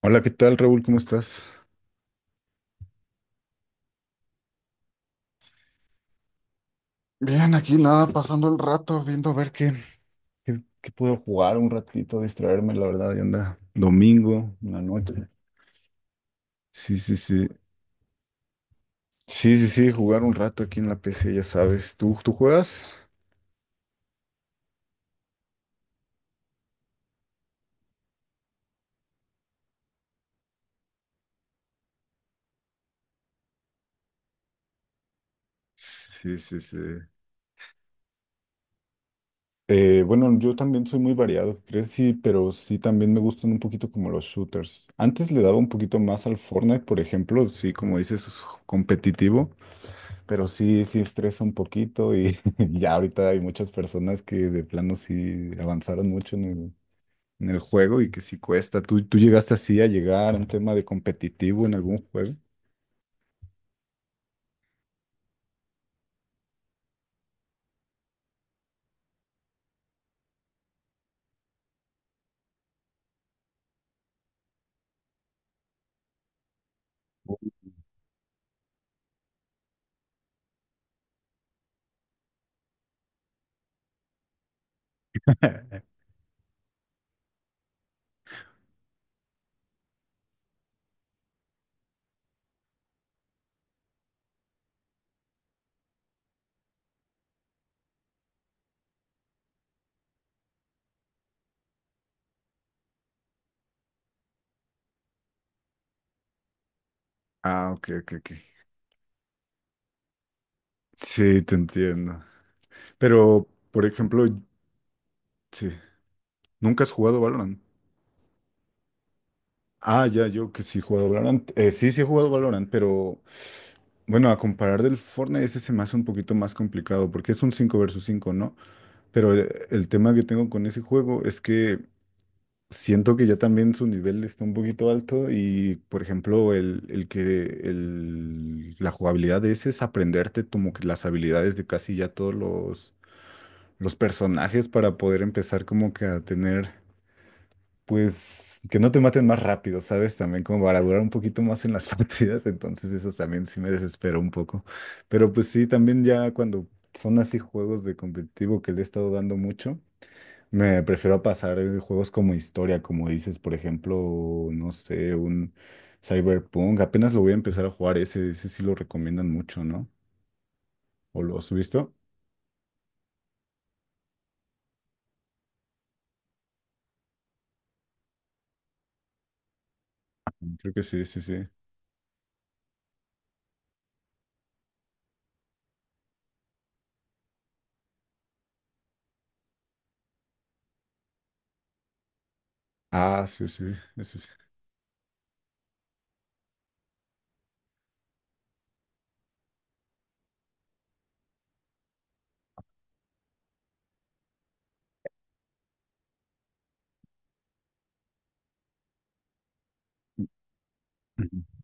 Hola, ¿qué tal, Raúl? ¿Cómo estás? Bien, aquí nada, pasando el rato, viendo a ver qué. ¿Qué puedo jugar un ratito, distraerme, la verdad, ya anda domingo, una noche. Sí, sí, sí. Sí, sí, sí, jugar un rato aquí en la PC, ya sabes. ¿Tú juegas? Sí, sí, sí. Bueno, yo también soy muy variado, ¿crees? Sí, pero sí también me gustan un poquito como los shooters. Antes le daba un poquito más al Fortnite, por ejemplo, sí, como dices, competitivo. Pero sí, sí estresa un poquito y ya ahorita hay muchas personas que de plano sí avanzaron mucho en el juego y que sí cuesta. ¿Tú llegaste así a llegar a un tema de competitivo en algún juego? Ah, ok, ok, ok. Sí, te entiendo. Pero, por ejemplo, sí, ¿nunca has jugado Valorant? Ah, ya, yo que sí he jugado Valorant. Sí, sí he jugado Valorant, pero bueno, a comparar del Fortnite, ese se me hace un poquito más complicado porque es un 5 versus cinco, ¿no? Pero el tema que tengo con ese juego es que siento que ya también su nivel está un poquito alto y, por ejemplo, la jugabilidad de ese es aprenderte como que las habilidades de casi ya todos los personajes para poder empezar como que a tener, pues, que no te maten más rápido, ¿sabes? También como para durar un poquito más en las partidas, entonces eso también sí me desesperó un poco. Pero pues sí, también ya cuando son así juegos de competitivo que le he estado dando mucho. Me prefiero pasar juegos como historia, como dices, por ejemplo, no sé, un Cyberpunk. Apenas lo voy a empezar a jugar ese, ese sí lo recomiendan mucho, ¿no? ¿O lo has visto? Creo que sí, sí, sí. Ah, sí, sí, ese sí. Ujú.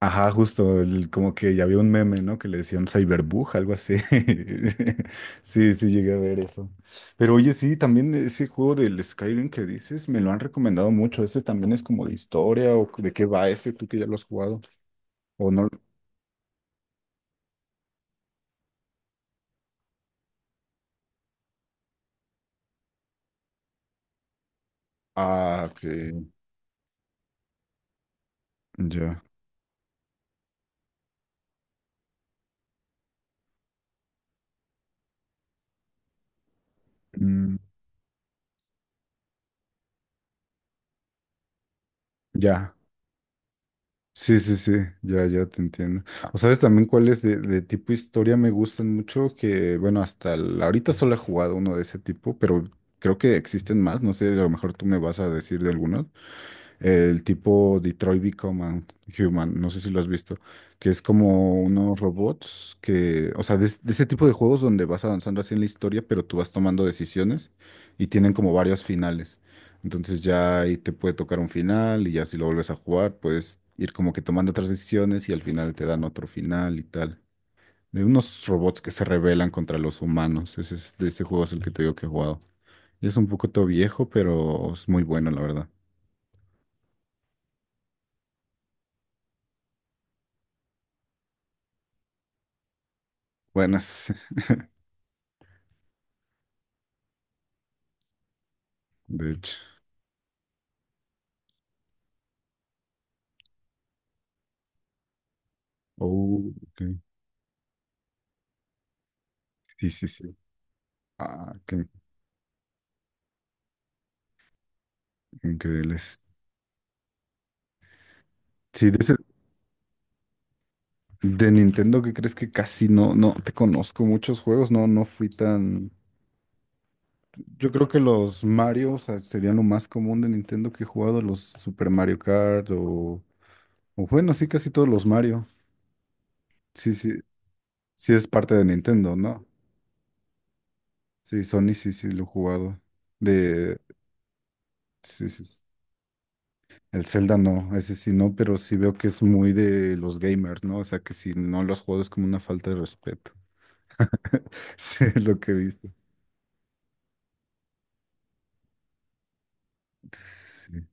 Ajá, justo, como que ya había un meme, ¿no? Que le decían Cyberbug, algo así. Sí, sí, llegué a ver eso. Pero oye, sí, también ese juego del Skyrim que dices, me lo han recomendado mucho. Ese también es como de historia o de qué va ese, tú que ya lo has jugado. ¿O no? Ah, ok, ya. Mm, ya. Sí, sí, sí, ya, ya te entiendo. O sabes también cuáles de tipo historia me gustan mucho, que bueno, ahorita solo he jugado uno de ese tipo, pero creo que existen más, no sé, a lo mejor tú me vas a decir de algunos. El tipo Detroit Become a Human, no sé si lo has visto, que es como unos robots que, o sea, de ese tipo de juegos donde vas avanzando así en la historia, pero tú vas tomando decisiones y tienen como varios finales. Entonces ya ahí te puede tocar un final y ya si lo vuelves a jugar, puedes ir como que tomando otras decisiones y al final te dan otro final y tal. De unos robots que se rebelan contra los humanos. Ese es, de ese juego es el que te digo que he jugado. Es un poco todo viejo, pero es muy bueno, la verdad. Buenas, de hecho. Oh, ok. Sí, sí, sí. Ah, qué increíbles. Sí, de, ese- de Nintendo, ¿qué crees que casi no, no te conozco muchos juegos? No, no fui tan. Yo creo que los Mario, o sea, serían lo más común de Nintendo que he jugado, los Super Mario Kart o bueno, sí, casi todos los Mario. Sí, sí, sí es parte de Nintendo, ¿no? Sí, Sony, sí, sí, lo he jugado. De, sí, sí, sí. El Zelda no, ese sí no, pero sí veo que es muy de los gamers, ¿no? O sea, que si no los juego es como una falta de respeto. Sí, es lo que he visto. Sí.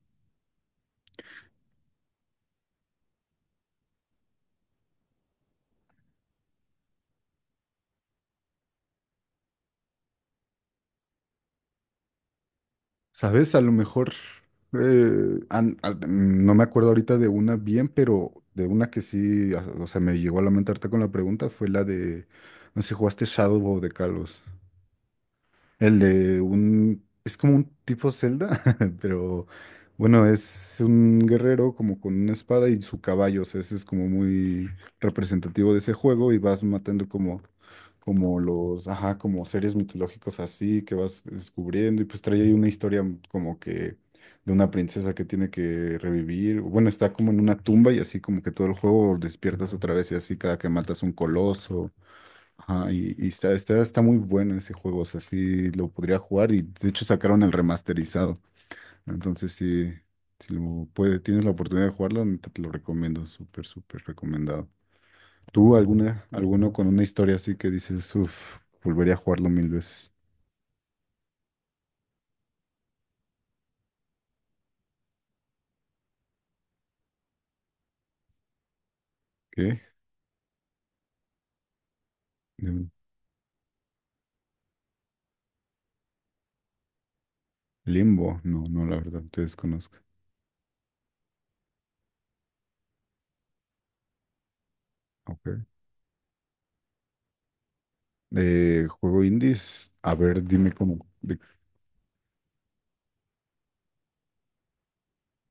¿Sabes? A lo mejor, no me acuerdo ahorita de una bien, pero de una que sí, o sea, me llegó a lamentarte con la pregunta, fue la de, no sé si jugaste Shadow of the Colossus. El de un... Es como un tipo Zelda, pero bueno, es un guerrero como con una espada y su caballo. O sea, eso es como muy representativo de ese juego y vas matando como, como los, ajá, como seres mitológicos así que vas descubriendo y pues trae ahí una historia como que de una princesa que tiene que revivir. Bueno, está como en una tumba y así como que todo el juego despiertas otra vez y así cada que matas un coloso. Ajá, y está muy bueno ese juego, o sea, sí lo podría jugar y de hecho sacaron el remasterizado. Entonces, sí, si lo puede, tienes la oportunidad de jugarlo, neta te lo recomiendo, súper, súper recomendado. ¿Tú alguna, alguno con una historia así que dices, uff, volvería a jugarlo mil veces? ¿Qué? Mm, Limbo, no, no, la verdad, te desconozco. Ok. Juego indies, a ver, dime cómo.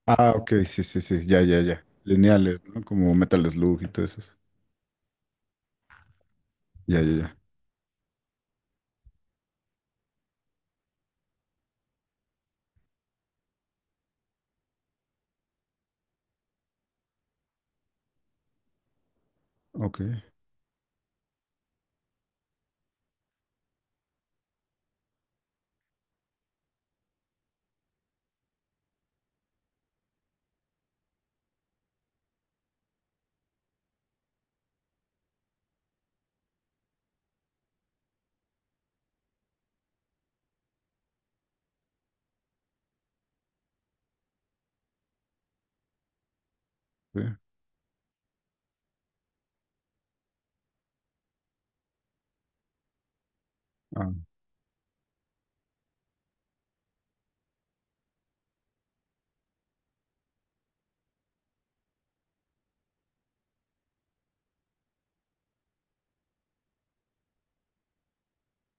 Ah, ok, sí, sí, sí, ya, ya, ya. Lineales, ¿no? Como Metal Slug y todo eso. Ya, ya, ya. Ok, sí. Ah,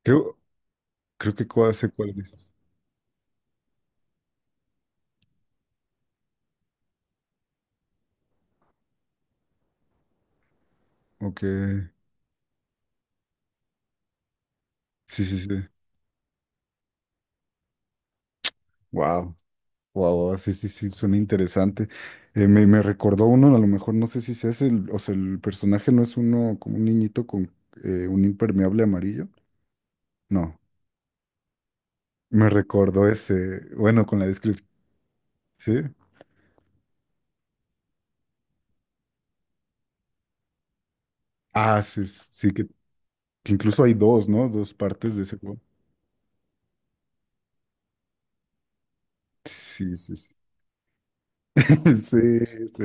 creo, creo que cuál sé cuál dices. Ok, sí, sí, sí. Wow, wow, sí, sí, sí, suena interesante. Me recordó uno, a lo mejor no sé si es el, o sea, el personaje no es uno como un niñito con un impermeable amarillo. No, me recordó ese, bueno, con la descripción, sí. Ah, sí, sí, que incluso hay dos, ¿no? Dos partes de ese juego. Sí, sí, sí. Sí, sí.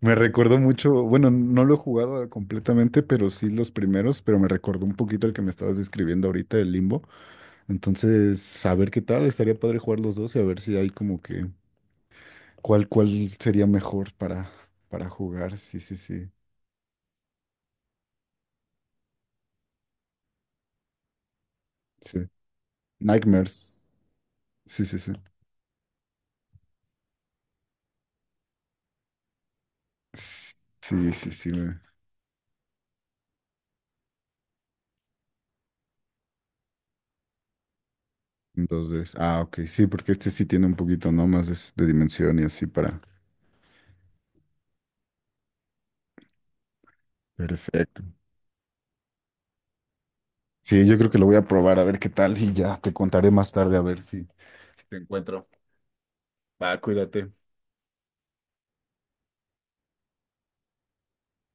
Me recuerdo mucho, bueno, no lo he jugado completamente, pero sí los primeros, pero me recordó un poquito el que me estabas describiendo ahorita, el Limbo. Entonces, a ver qué tal, estaría padre jugar los dos y a ver si hay como que cuál, cuál sería mejor para jugar. Sí, sí, sí, sí. Nightmares. Sí, sí, sí. S- Sí, sí, sí. me- Dos veces. Ah, ok, sí, porque este sí tiene un poquito, ¿no? Más de dimensión y así para... Perfecto. Sí, yo creo que lo voy a probar a ver qué tal y ya te contaré más tarde a ver si, si te encuentro. Va, cuídate.